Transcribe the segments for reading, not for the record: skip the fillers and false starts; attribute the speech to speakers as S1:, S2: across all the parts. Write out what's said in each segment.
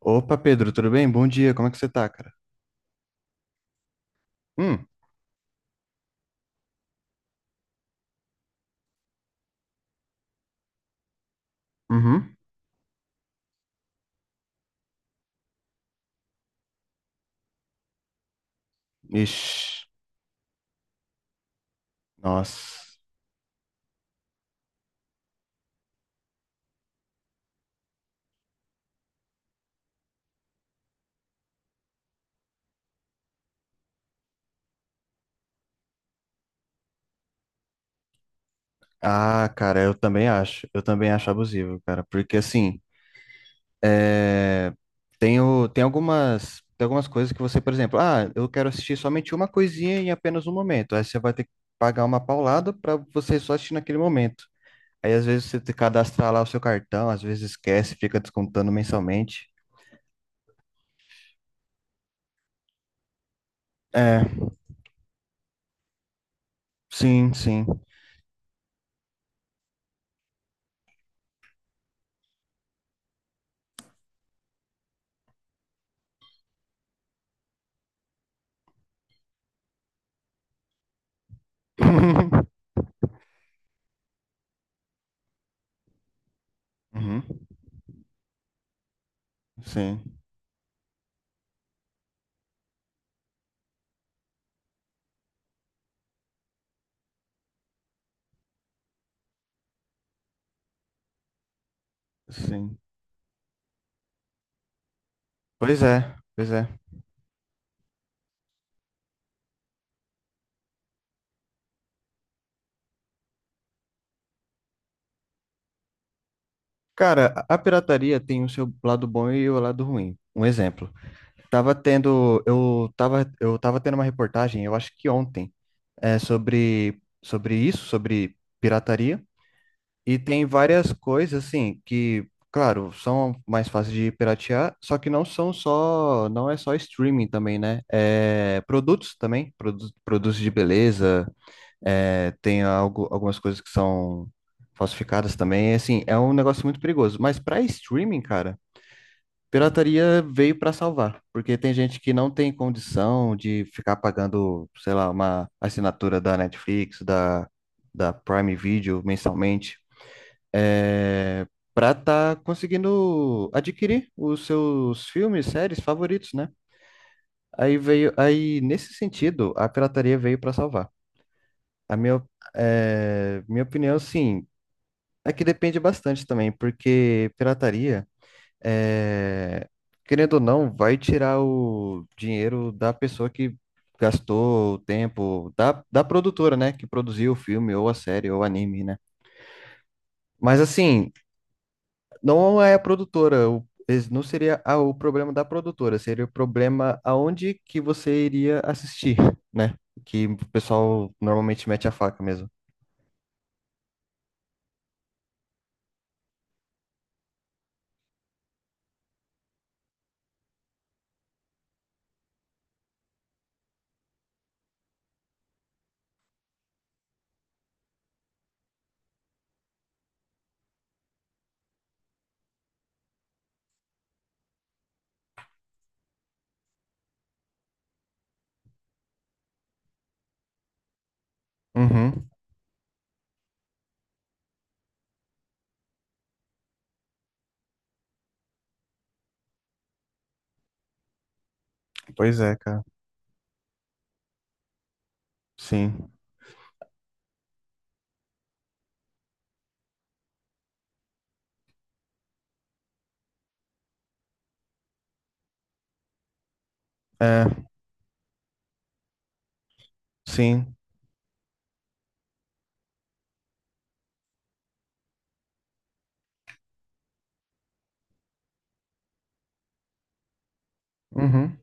S1: Opa, Pedro, tudo bem? Bom dia, como é que você tá, cara? Hum, uhum. Ixi, nossa. Ah, cara, eu também acho. Eu também acho abusivo, cara. Porque assim, é... tem algumas coisas que você, por exemplo, ah, eu quero assistir somente uma coisinha em apenas um momento. Aí você vai ter que pagar uma paulada pra você só assistir naquele momento. Aí às vezes você te cadastra lá o seu cartão, às vezes esquece, fica descontando mensalmente. É, sim, sim. Uhum, sim. Sim. Pois é, pois é. Cara, a pirataria tem o seu lado bom e o lado ruim. Um exemplo. Tava tendo, eu tava tendo uma reportagem, eu acho que ontem, sobre isso, sobre pirataria. E tem várias coisas, assim, que, claro, são mais fáceis de piratear, só que não é só streaming também, né? Produtos também, produtos de beleza, tem algumas coisas que são falsificadas também. Assim, é um negócio muito perigoso. Mas para streaming, cara, pirataria veio para salvar, porque tem gente que não tem condição de ficar pagando, sei lá, uma assinatura da Netflix, da Prime Video mensalmente, é, para estar conseguindo adquirir os seus filmes, séries favoritos, né? Aí nesse sentido, a pirataria veio para salvar. A minha opinião, sim. É que depende bastante também, porque pirataria, é, querendo ou não, vai tirar o dinheiro da pessoa que gastou o tempo, da produtora, né, que produziu o filme, ou a série, ou o anime, né? Mas assim, não é a produtora, não seria o problema da produtora, seria o problema aonde que você iria assistir, né? Que o pessoal normalmente mete a faca mesmo. Uhum. Pois é, cara. Sim. É, sim. Uhum.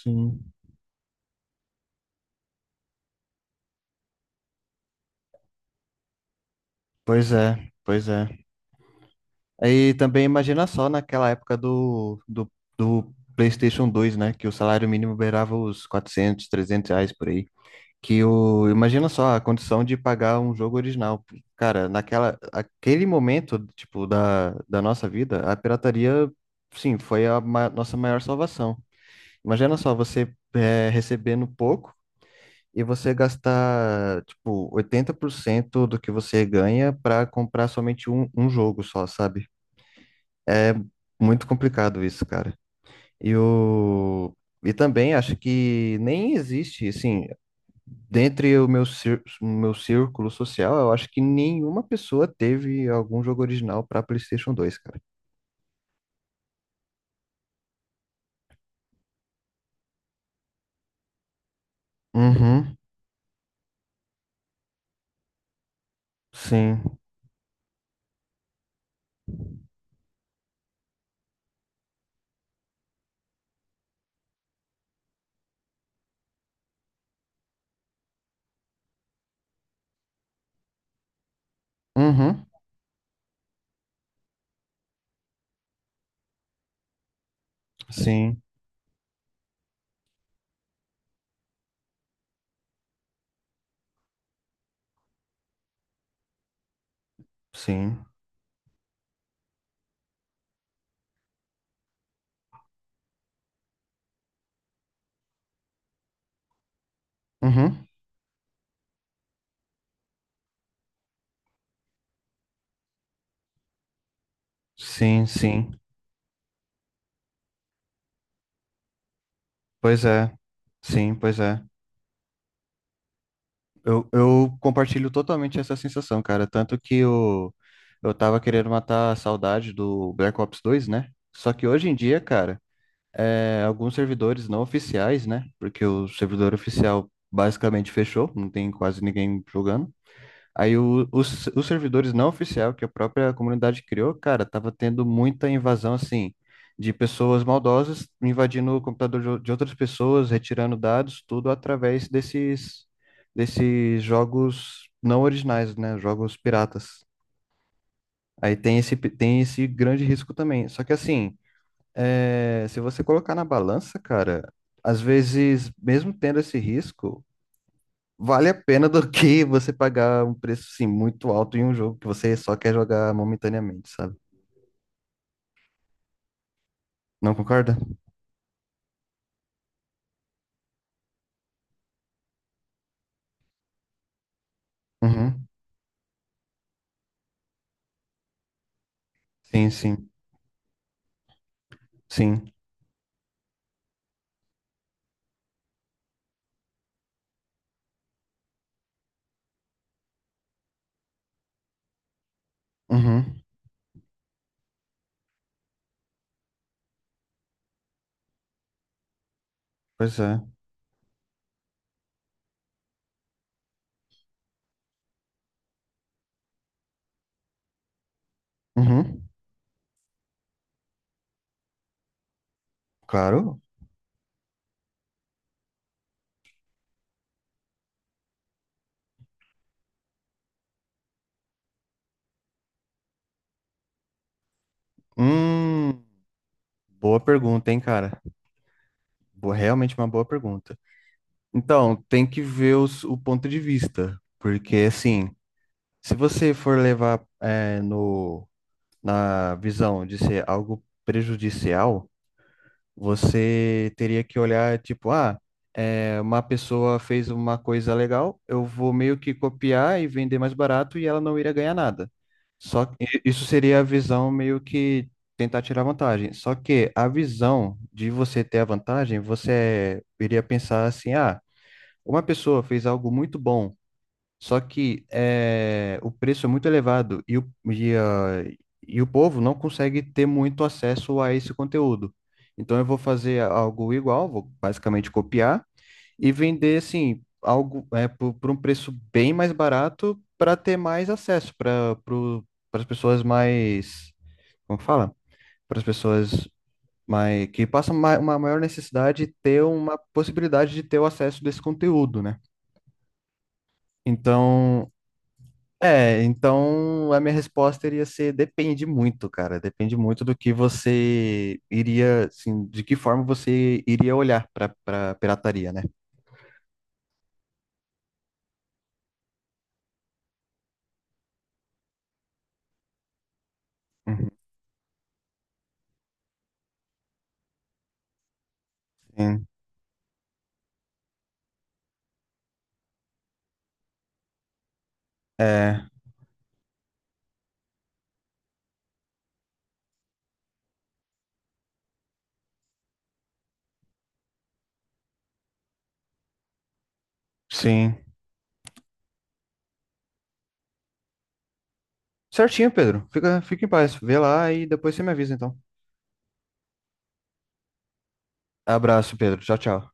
S1: Sim, pois é, pois é. Aí também imagina só naquela época do PlayStation 2, né? Que o salário mínimo beirava os 400 300 reais por aí. Imagina só a condição de pagar um jogo original. Cara, aquele momento, tipo, da nossa vida, a pirataria, sim, foi a nossa maior salvação. Imagina só você recebendo pouco e você gastar, tipo, 80% do que você ganha para comprar somente um jogo só, sabe? É muito complicado isso, cara. E o... E também acho que nem existe, assim, dentre o meu círculo social, eu acho que nenhuma pessoa teve algum jogo original para PlayStation 2, cara. Uhum, sim. Uhum, sim, sim. Uhum, sim, sim. Pois é. Sim, pois é. Eu compartilho totalmente essa sensação, cara. Tanto que eu tava querendo matar a saudade do Black Ops 2, né? Só que hoje em dia, cara, alguns servidores não oficiais, né? Porque o servidor oficial basicamente fechou, não tem quase ninguém jogando. Aí os servidores não oficial que a própria comunidade criou, cara, tava tendo muita invasão, assim, de pessoas maldosas invadindo o computador de de outras pessoas, retirando dados, tudo através desses jogos não originais, né? Jogos piratas. Aí tem esse grande risco também. Só que, assim, se você colocar na balança, cara, às vezes, mesmo tendo esse risco, vale a pena do que você pagar um preço assim, muito alto em um jogo que você só quer jogar momentaneamente, sabe? Não concorda? Uhum. Sim, sim, sim. Uhum. Pois é. Uhum. Claro. Hum, boa pergunta, hein, cara? Boa, realmente uma boa pergunta. Então, tem que ver o ponto de vista, porque assim, se você for levar é, no, na visão de ser algo prejudicial, você teria que olhar, tipo, uma pessoa fez uma coisa legal, eu vou meio que copiar e vender mais barato e ela não iria ganhar nada. Só que isso seria a visão meio que tentar tirar vantagem. Só que a visão de você ter a vantagem, você iria pensar assim, ah, uma pessoa fez algo muito bom. Só que o preço é muito elevado e o povo não consegue ter muito acesso a esse conteúdo. Então eu vou fazer algo igual, vou basicamente copiar e vender assim algo por um preço bem mais barato para ter mais acesso para as pessoas mais, como que fala? Para as pessoas mais que passam uma maior necessidade de ter uma possibilidade de ter o acesso desse conteúdo, né? Então, então, a minha resposta iria ser depende muito, cara. Depende muito do que você iria, assim, de que forma você iria olhar para pirataria, né? Uhum. Sim. É, sim. Certinho, Pedro. Fica, fica em paz. Vê lá e depois você me avisa, então. Abraço, Pedro. Tchau, tchau.